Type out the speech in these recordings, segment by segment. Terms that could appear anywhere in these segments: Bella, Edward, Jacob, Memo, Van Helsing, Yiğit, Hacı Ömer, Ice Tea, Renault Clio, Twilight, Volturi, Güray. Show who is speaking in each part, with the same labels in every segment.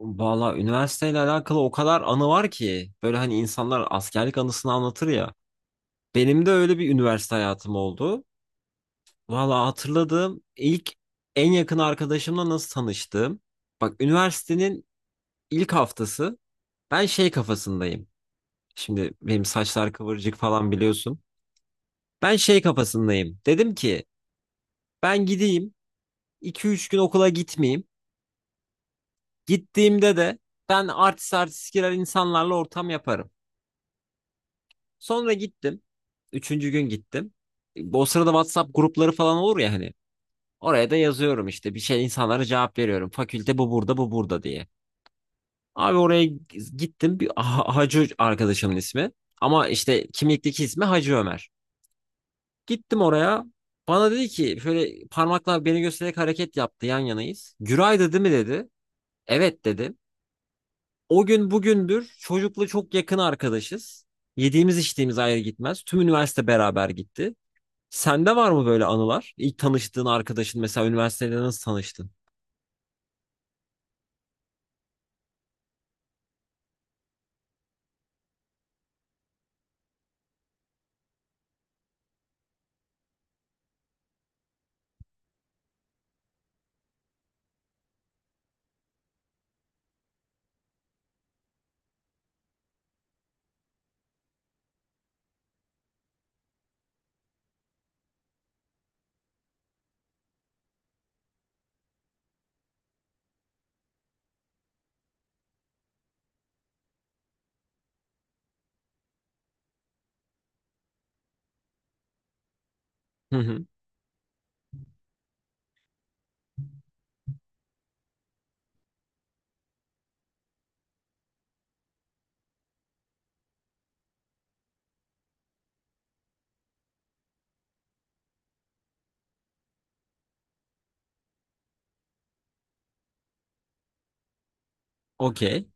Speaker 1: Valla üniversiteyle alakalı o kadar anı var ki, böyle hani insanlar askerlik anısını anlatır ya. Benim de öyle bir üniversite hayatım oldu. Valla hatırladığım ilk en yakın arkadaşımla nasıl tanıştığım. Bak, üniversitenin ilk haftası ben şey kafasındayım. Şimdi benim saçlar kıvırcık falan, biliyorsun. Ben şey kafasındayım. Dedim ki ben gideyim, iki üç gün okula gitmeyeyim. Gittiğimde de ben artist artist girer, insanlarla ortam yaparım. Sonra gittim. Üçüncü gün gittim. O sırada WhatsApp grupları falan olur ya hani. Oraya da yazıyorum işte, bir şey insanlara cevap veriyorum. Fakülte bu burada, bu burada diye. Abi oraya gittim. Bir Hacı arkadaşımın ismi. Ama işte kimlikteki ismi Hacı Ömer. Gittim oraya. Bana dedi ki, şöyle parmakla beni göstererek hareket yaptı, yan yanayız. Güray dedi mi, dedi. Evet dedim. O gün bugündür çocukla çok yakın arkadaşız. Yediğimiz içtiğimiz ayrı gitmez. Tüm üniversite beraber gitti. Sende var mı böyle anılar? İlk tanıştığın arkadaşın mesela, üniversitede nasıl tanıştın? Hı hı. Okey.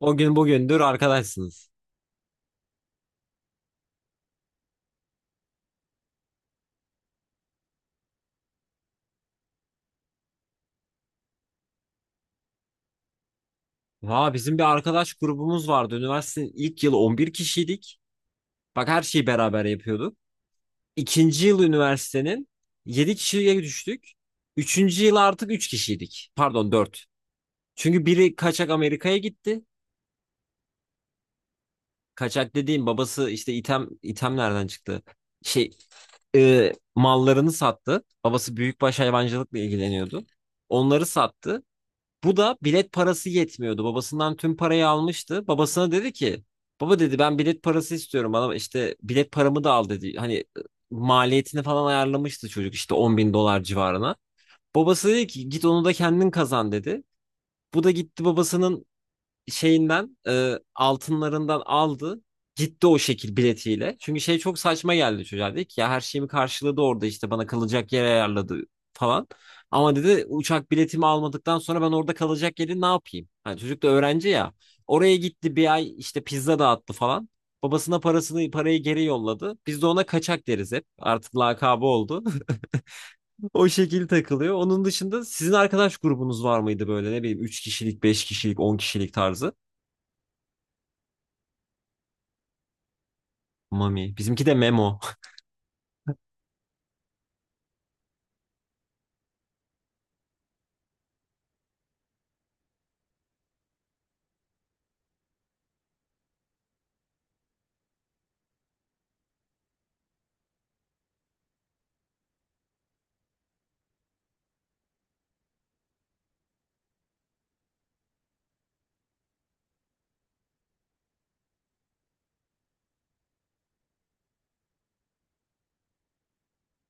Speaker 1: O gün bugündür arkadaşsınız. Vaa, bizim bir arkadaş grubumuz vardı. Üniversitenin ilk yılı 11 kişiydik. Bak, her şeyi beraber yapıyorduk. İkinci yıl üniversitenin 7 kişiye düştük. Üçüncü yıl artık 3 kişiydik. Pardon, 4. Çünkü biri kaçak Amerika'ya gitti. Kaçak dediğim, babası işte item. İtem nereden çıktı? Şey, mallarını sattı. Babası büyükbaş hayvancılıkla ilgileniyordu. Onları sattı. Bu da bilet parası yetmiyordu. Babasından tüm parayı almıştı. Babasına dedi ki, baba dedi, ben bilet parası istiyorum. Bana işte bilet paramı da al dedi. Hani maliyetini falan ayarlamıştı çocuk, işte 10.000 dolar civarına. Babası dedi ki, git onu da kendin kazan dedi. Bu da gitti, babasının şeyinden, altınlarından aldı. Gitti o şekil biletiyle. Çünkü şey çok saçma geldi çocuğa. Dedi ki, ya her şeyimi karşıladı orada, işte bana kalacak yer ayarladı falan. Ama dedi, uçak biletimi almadıktan sonra ben orada kalacak yeri ne yapayım? Hani çocuk da öğrenci ya. Oraya gitti, bir ay işte pizza dağıttı falan. Babasına parasını, parayı geri yolladı. Biz de ona kaçak deriz hep. Artık lakabı oldu. O şekil takılıyor. Onun dışında sizin arkadaş grubunuz var mıydı, böyle ne bileyim 3 kişilik, 5 kişilik, 10 kişilik tarzı? Mami. Bizimki de Memo.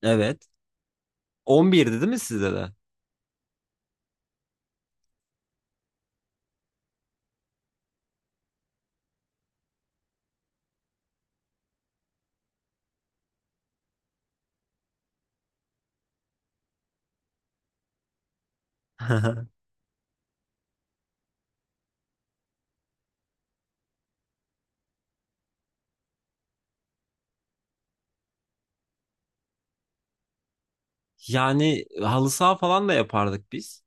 Speaker 1: Evet. 11'di değil mi sizde de? Yani halı saha falan da yapardık biz.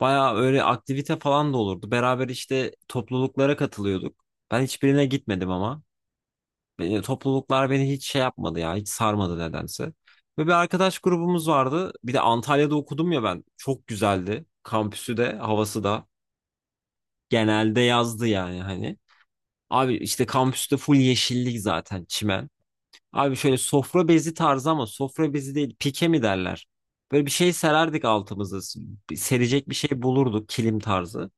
Speaker 1: Baya öyle aktivite falan da olurdu. Beraber işte topluluklara katılıyorduk. Ben hiçbirine gitmedim ama. Beni, topluluklar beni hiç şey yapmadı ya. Hiç sarmadı nedense. Ve bir arkadaş grubumuz vardı. Bir de Antalya'da okudum ya ben. Çok güzeldi. Kampüsü de, havası da. Genelde yazdı yani hani. Abi işte kampüste full yeşillik, zaten çimen. Abi şöyle sofra bezi tarzı, ama sofra bezi değil, pike mi derler? Böyle bir şey sererdik altımızı, serecek bir şey bulurduk, kilim tarzı.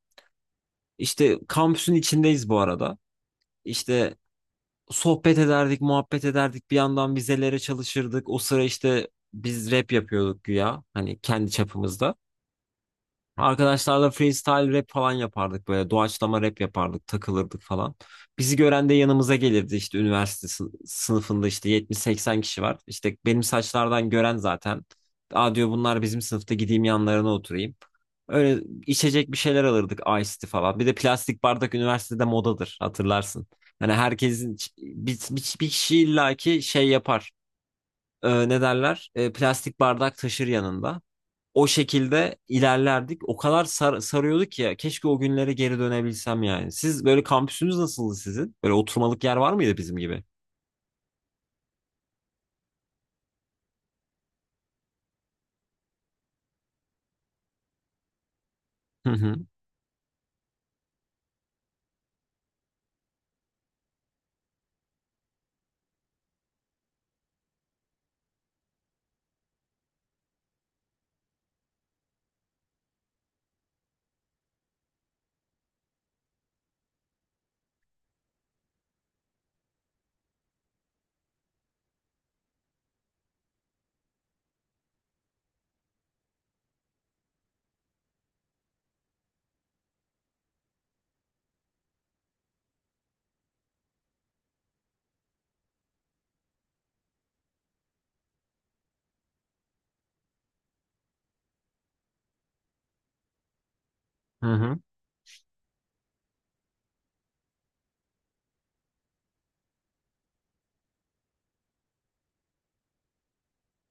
Speaker 1: İşte kampüsün içindeyiz bu arada. İşte sohbet ederdik, muhabbet ederdik. Bir yandan vizelere çalışırdık. O sıra işte biz rap yapıyorduk güya. Hani kendi çapımızda. Arkadaşlarla freestyle rap falan yapardık, böyle doğaçlama rap yapardık, takılırdık falan. Bizi gören de yanımıza gelirdi, işte üniversite sınıfında işte 70-80 kişi var. İşte benim saçlardan gören zaten. Aa, diyor, bunlar bizim sınıfta, gideyim yanlarına oturayım. Öyle içecek bir şeyler alırdık, Ice tea falan. Bir de plastik bardak üniversitede modadır, hatırlarsın. Hani herkesin bir kişi illaki şey yapar. Ne derler? Plastik bardak taşır yanında, o şekilde ilerlerdik. O kadar sarıyordu ki ya. Keşke o günlere geri dönebilsem yani. Siz böyle kampüsünüz nasıldı sizin? Böyle oturmalık yer var mıydı bizim gibi? Hı hı. Hı hı.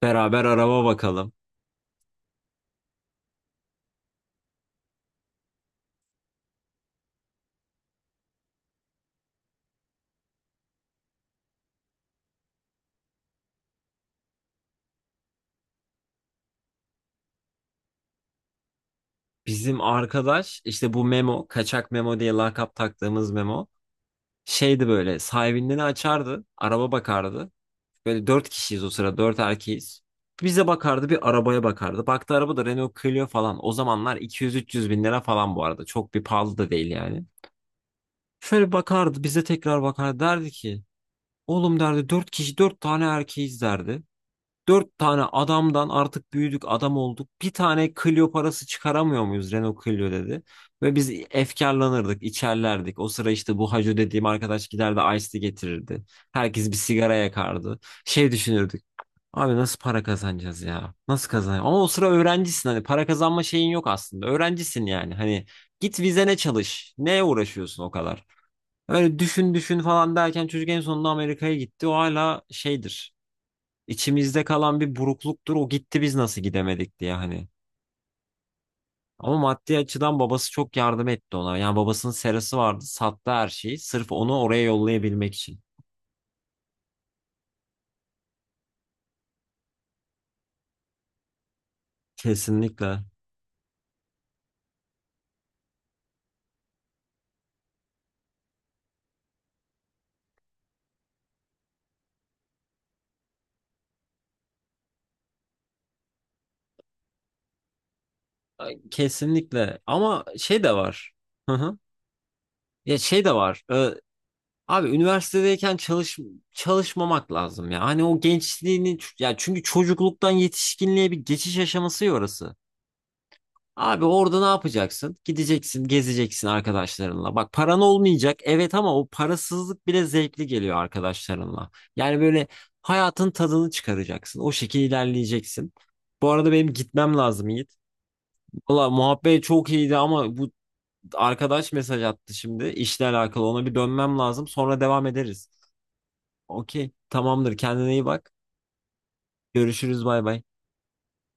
Speaker 1: Beraber araba bakalım. Bizim arkadaş işte bu Memo, kaçak Memo diye lakap taktığımız Memo. Şeydi böyle, sahibinden açardı, araba bakardı. Böyle dört kişiyiz o sıra, dört erkeğiz. Bize bakardı, bir arabaya bakardı. Baktı araba da Renault Clio falan. O zamanlar 200-300 bin lira falan bu arada. Çok bir pahalı da değil yani. Şöyle bakardı bize, tekrar bakar, derdi ki oğlum derdi, dört kişi, dört tane erkeğiz derdi. Dört tane adamdan artık büyüdük, adam olduk. Bir tane Clio parası çıkaramıyor muyuz Renault Clio, dedi. Ve biz efkarlanırdık, içerlerdik. O sıra işte bu Hacı dediğim arkadaş giderdi, Ice Tea getirirdi. Herkes bir sigara yakardı. Şey düşünürdük. Abi nasıl para kazanacağız ya? Nasıl kazanacağız? Ama o sıra öğrencisin, hani para kazanma şeyin yok aslında. Öğrencisin yani. Hani git vizene çalış. Neye uğraşıyorsun o kadar? Öyle düşün düşün falan derken, çocuk en sonunda Amerika'ya gitti. O hala şeydir. İçimizde kalan bir burukluktur. O gitti, biz nasıl gidemedik diye hani. Ama maddi açıdan babası çok yardım etti ona. Yani babasının serası vardı. Sattı her şeyi. Sırf onu oraya yollayabilmek için. Kesinlikle. Kesinlikle. Ama şey de var. Hı hı. Ya şey de var. Abi üniversitedeyken çalışmamak lazım ya. Hani o gençliğini, ya çünkü çocukluktan yetişkinliğe bir geçiş aşaması ya orası. Abi orada ne yapacaksın? Gideceksin, gezeceksin arkadaşlarınla. Bak, paran olmayacak. Evet, ama o parasızlık bile zevkli geliyor arkadaşlarınla. Yani böyle hayatın tadını çıkaracaksın. O şekilde ilerleyeceksin. Bu arada benim gitmem lazım Yiğit. Valla muhabbet çok iyiydi ama bu arkadaş mesaj attı şimdi. İşle alakalı ona bir dönmem lazım. Sonra devam ederiz. Okey, tamamdır. Kendine iyi bak. Görüşürüz. Bay bay.